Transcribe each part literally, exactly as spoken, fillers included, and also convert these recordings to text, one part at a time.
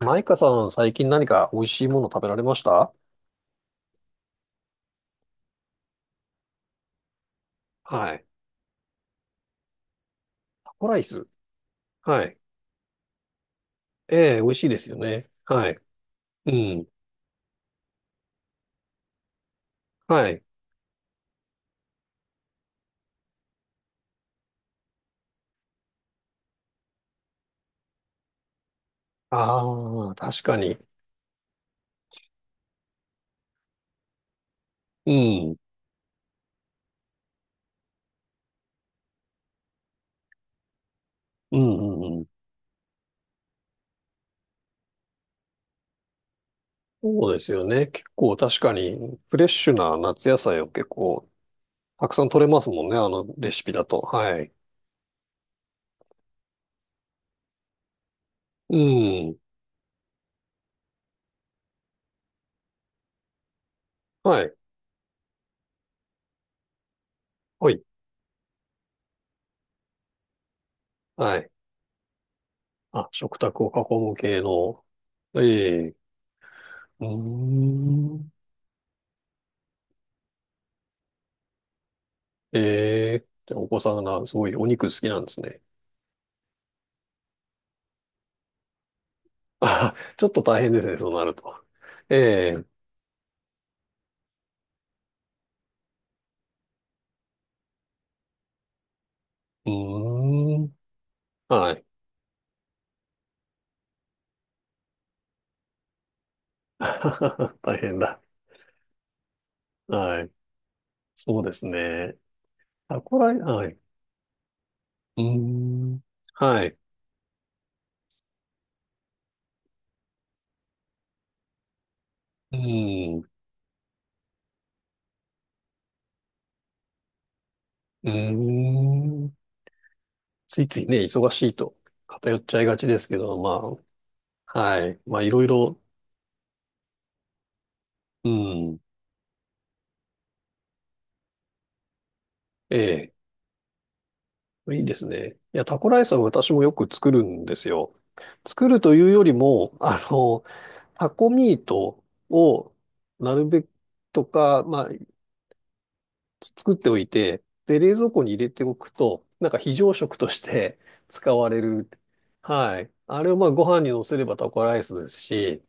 マイカさん、最近何か美味しいもの食べられました？はい。タコライス。はい。ええ、美味しいですよね。はい。うん。はい。ああ、確かに。うん。うん、うん、うん。そうですよね。結構確かに、フレッシュな夏野菜を結構、たくさん取れますもんね。あのレシピだと。はい。うん。はい。はい。はい。あ、食卓を囲む系の。ええ。うーん。ええ。じゃあお子さんがすごいお肉好きなんですね。あ、ちょっと大変ですね、そうなると。ええ、うーん、はい。大変だ。はい。そうですね。タコライ、はい。うーん、はい。うーん、うーん。ついついね、忙しいと偏っちゃいがちですけど、まあ、はい。まあ、いろいろ、うん、ええ、いいですね。いや、タコライスは私もよく作るんですよ。作るというよりも、あの、タコミートをなるべくとか、まあ、作っておいて、で、冷蔵庫に入れておくと、なんか非常食として使われる。はい。あれをまあご飯に乗せればタコライスですし、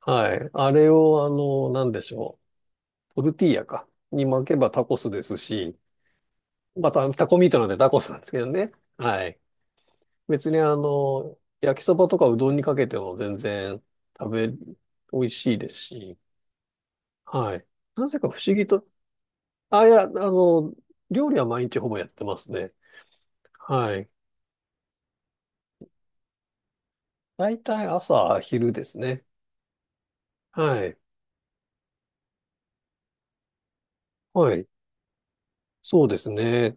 はい。あれをあの、なんでしょう。トルティーヤか。に巻けばタコスですし、またタコミートなんでタコスなんですけどね。はい。別にあの、焼きそばとかうどんにかけても全然食べ、美味しいですし、はい。なぜか不思議と、あ、いや、あの、料理は毎日ほぼやってますね。はい。大体朝、昼ですね。はい。はい。そうですね。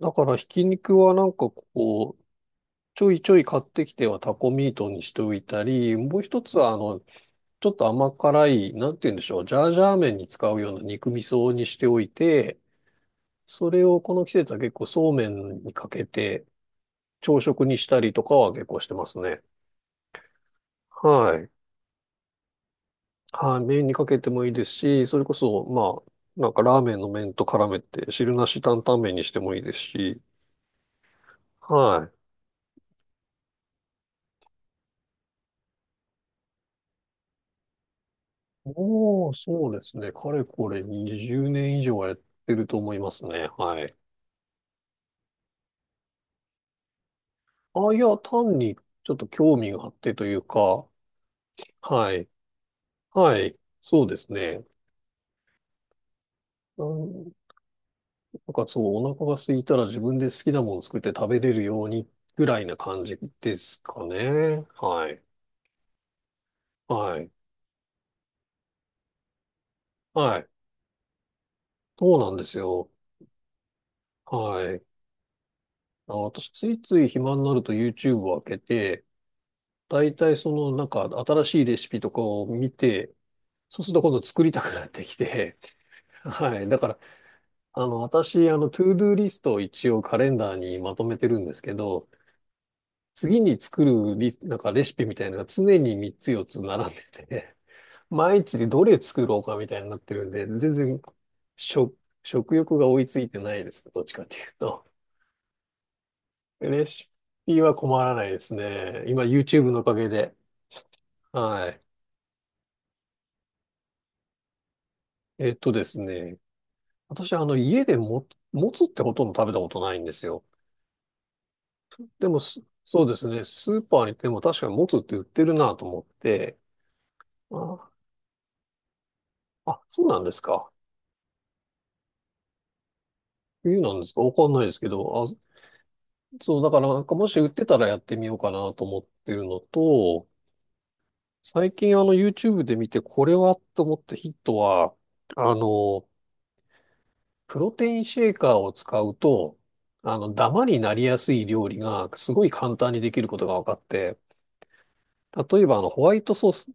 だから、ひき肉はなんかこう、ちょいちょい買ってきてはタコミートにしておいたり、もう一つはあの、ちょっと甘辛い、なんて言うんでしょう、ジャージャー麺に使うような肉味噌にしておいて、それをこの季節は結構そうめんにかけて、朝食にしたりとかは結構してますね。はい。はい。麺にかけてもいいですし、それこそ、まあ、なんかラーメンの麺と絡めて、汁なし担々麺にしてもいいですし、はい。おー、そうですね。かれこれにじゅうねん以上はやってると思いますね。はい。あ、いや、単にちょっと興味があってというか、はい。はい。そうですね。うん、なんかそう、お腹が空いたら自分で好きなものを作って食べれるようにぐらいな感じですかね。はい。はい。はい。そうなんですよ。はい。あの、私、ついつい暇になると YouTube を開けて、だいたいその、なんか新しいレシピとかを見て、そうすると今度作りたくなってきて、はい。だから、あの、私、あの、トゥードゥーリストを一応カレンダーにまとめてるんですけど、次に作るリス、なんかレシピみたいなのが常にみっつよっつ並んでて、毎日でどれ作ろうかみたいになってるんで、全然食、食欲が追いついてないですね。どっちかっていうと。レシピは困らないですね。今 YouTube のおかげで。はい。えっとですね。私はあの家でも、もつってほとんど食べたことないんですよ。でもすそうですね。スーパーに行っても確かにもつって売ってるなと思って。あ、あ、そうなんですか？冬なんですか？わかんないですけど。あ、そう、だからなんかもし売ってたらやってみようかなと思ってるのと、最近あの YouTube で見てこれはと思ったヒットは、あの、プロテインシェーカーを使うと、あの、ダマになりやすい料理がすごい簡単にできることが分かって、例えばあのホワイトソース、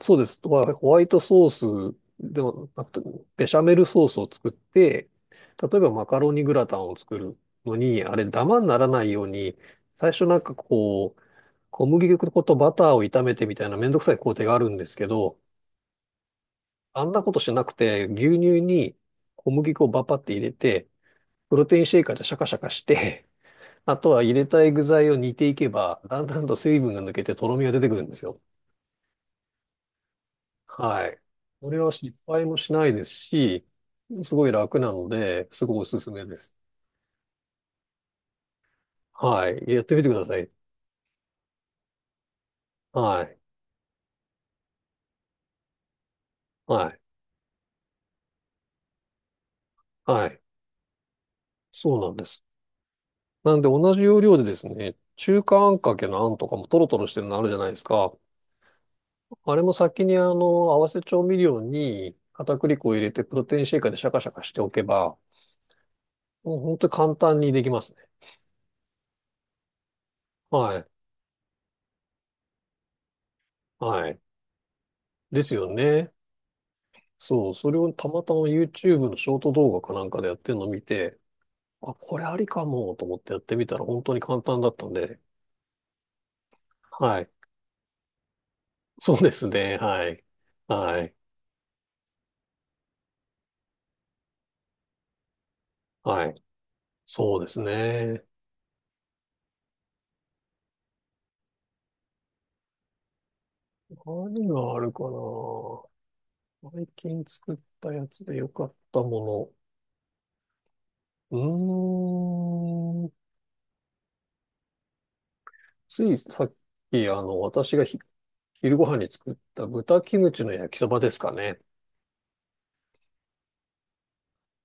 そうです、ホワホワイトソースではなくて、ベシャメルソースを作って、例えばマカロニグラタンを作るのに、あれダマにならないように、最初なんかこう、小麦粉とバターを炒めてみたいなめんどくさい工程があるんですけど、あんなことしなくて、牛乳に小麦粉をバパって入れて、プロテインシェイカーでシャカシャカして、あとは入れたい具材を煮ていけば、だんだんと水分が抜けてとろみが出てくるんですよ。はい。これは失敗もしないですし、すごい楽なので、すごいおすすめです。はい。やってみてください。はい。はい。はい。そうなんです。なんで同じ要領でですね、中華あんかけのあんとかもトロトロしてるのあるじゃないですか。あれも先にあの、合わせ調味料に片栗粉を入れてプロテインシェイカーでシャカシャカしておけば、もう本当に簡単にできますね。はい。はい。ですよね。そう。それをたまたま YouTube のショート動画かなんかでやってるのを見て、あ、これありかもと思ってやってみたら本当に簡単だったんで。はい。そうですね。はい。はい。はい。そうですね。何があるかな。最近作ったやつで良かったもの。うーん。ついさっき、あの、私がひ昼ご飯に作った豚キムチの焼きそばですかね。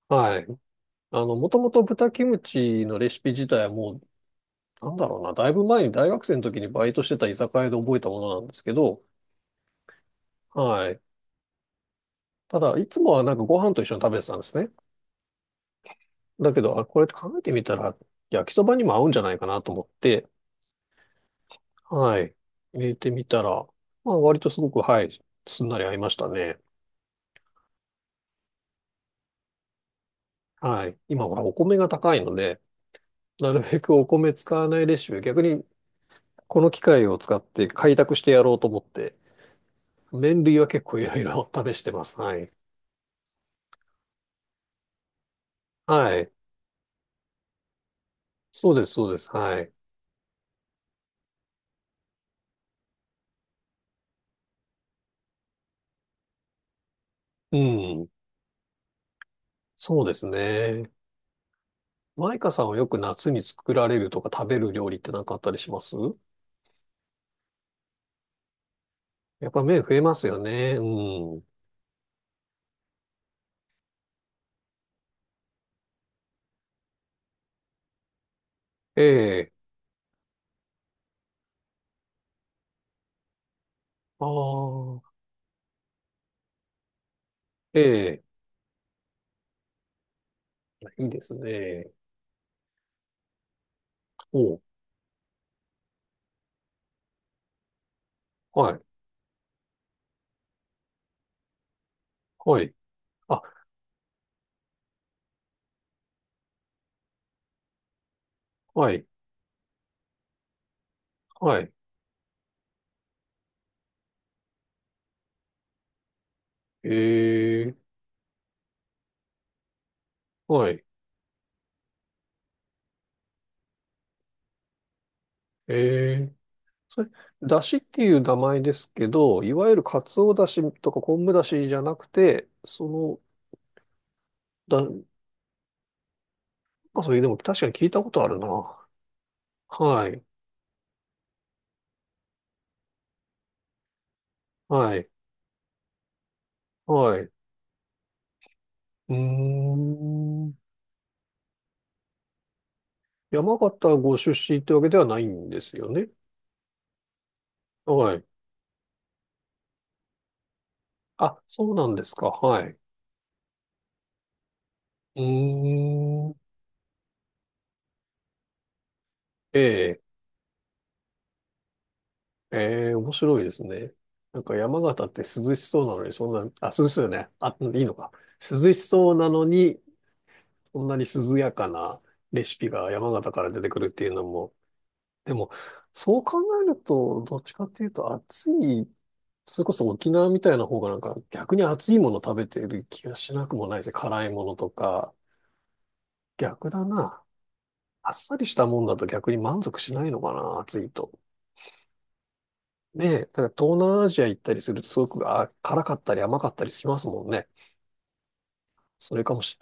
はい。あの、もともと豚キムチのレシピ自体はもう、なんだろうな、だいぶ前に大学生の時にバイトしてた居酒屋で覚えたものなんですけど、はい。ただ、いつもはなんかご飯と一緒に食べてたんですね。だけど、あ、これって考えてみたら、焼きそばにも合うんじゃないかなと思って、はい。入れてみたら、まあ、割とすごく、はい、すんなり合いましたね。はい。今はお米が高いので、なるべくお米使わないレシピ、逆にこの機械を使って開拓してやろうと思って、麺類は結構いろいろ 試してます。はい。はい。そうです、そうです。はい。うん。そうですね。マイカさんはよく夏に作られるとか食べる料理って何かあったりします？やっぱ麺増えますよね。うん。ええ。ああ。ええ。いいですね。おう。はい。はい。あ、はい。はい。ええ。はい。ええ、それ、だしっていう名前ですけど、いわゆるカツオだしとか昆布だしじゃなくて、その、だ、なんかそれでも確かに聞いたことあるな。はい、はい、はい。うーん。山形ご出身ってわけではないんですよね？はい。あ、そうなんですか。はい。うーん。ええ、ええ、面白いですね。なんか山形って涼しそうなのに、そんな、あ、涼しそうよね。あ、いいのか。涼しそうなのに、そんなに涼やかなレシピが山形から出てくるっていうのも、でも、そう考えると、どっちかっていうと暑い、それこそ沖縄みたいな方がなんか逆に暑いもの食べてる気がしなくもないですね。辛いものとか。逆だな。あっさりしたもんだと逆に満足しないのかな、暑いと。ねえ、だから東南アジア行ったりするとすごくあ辛かったり甘かったりしますもんね。それかもし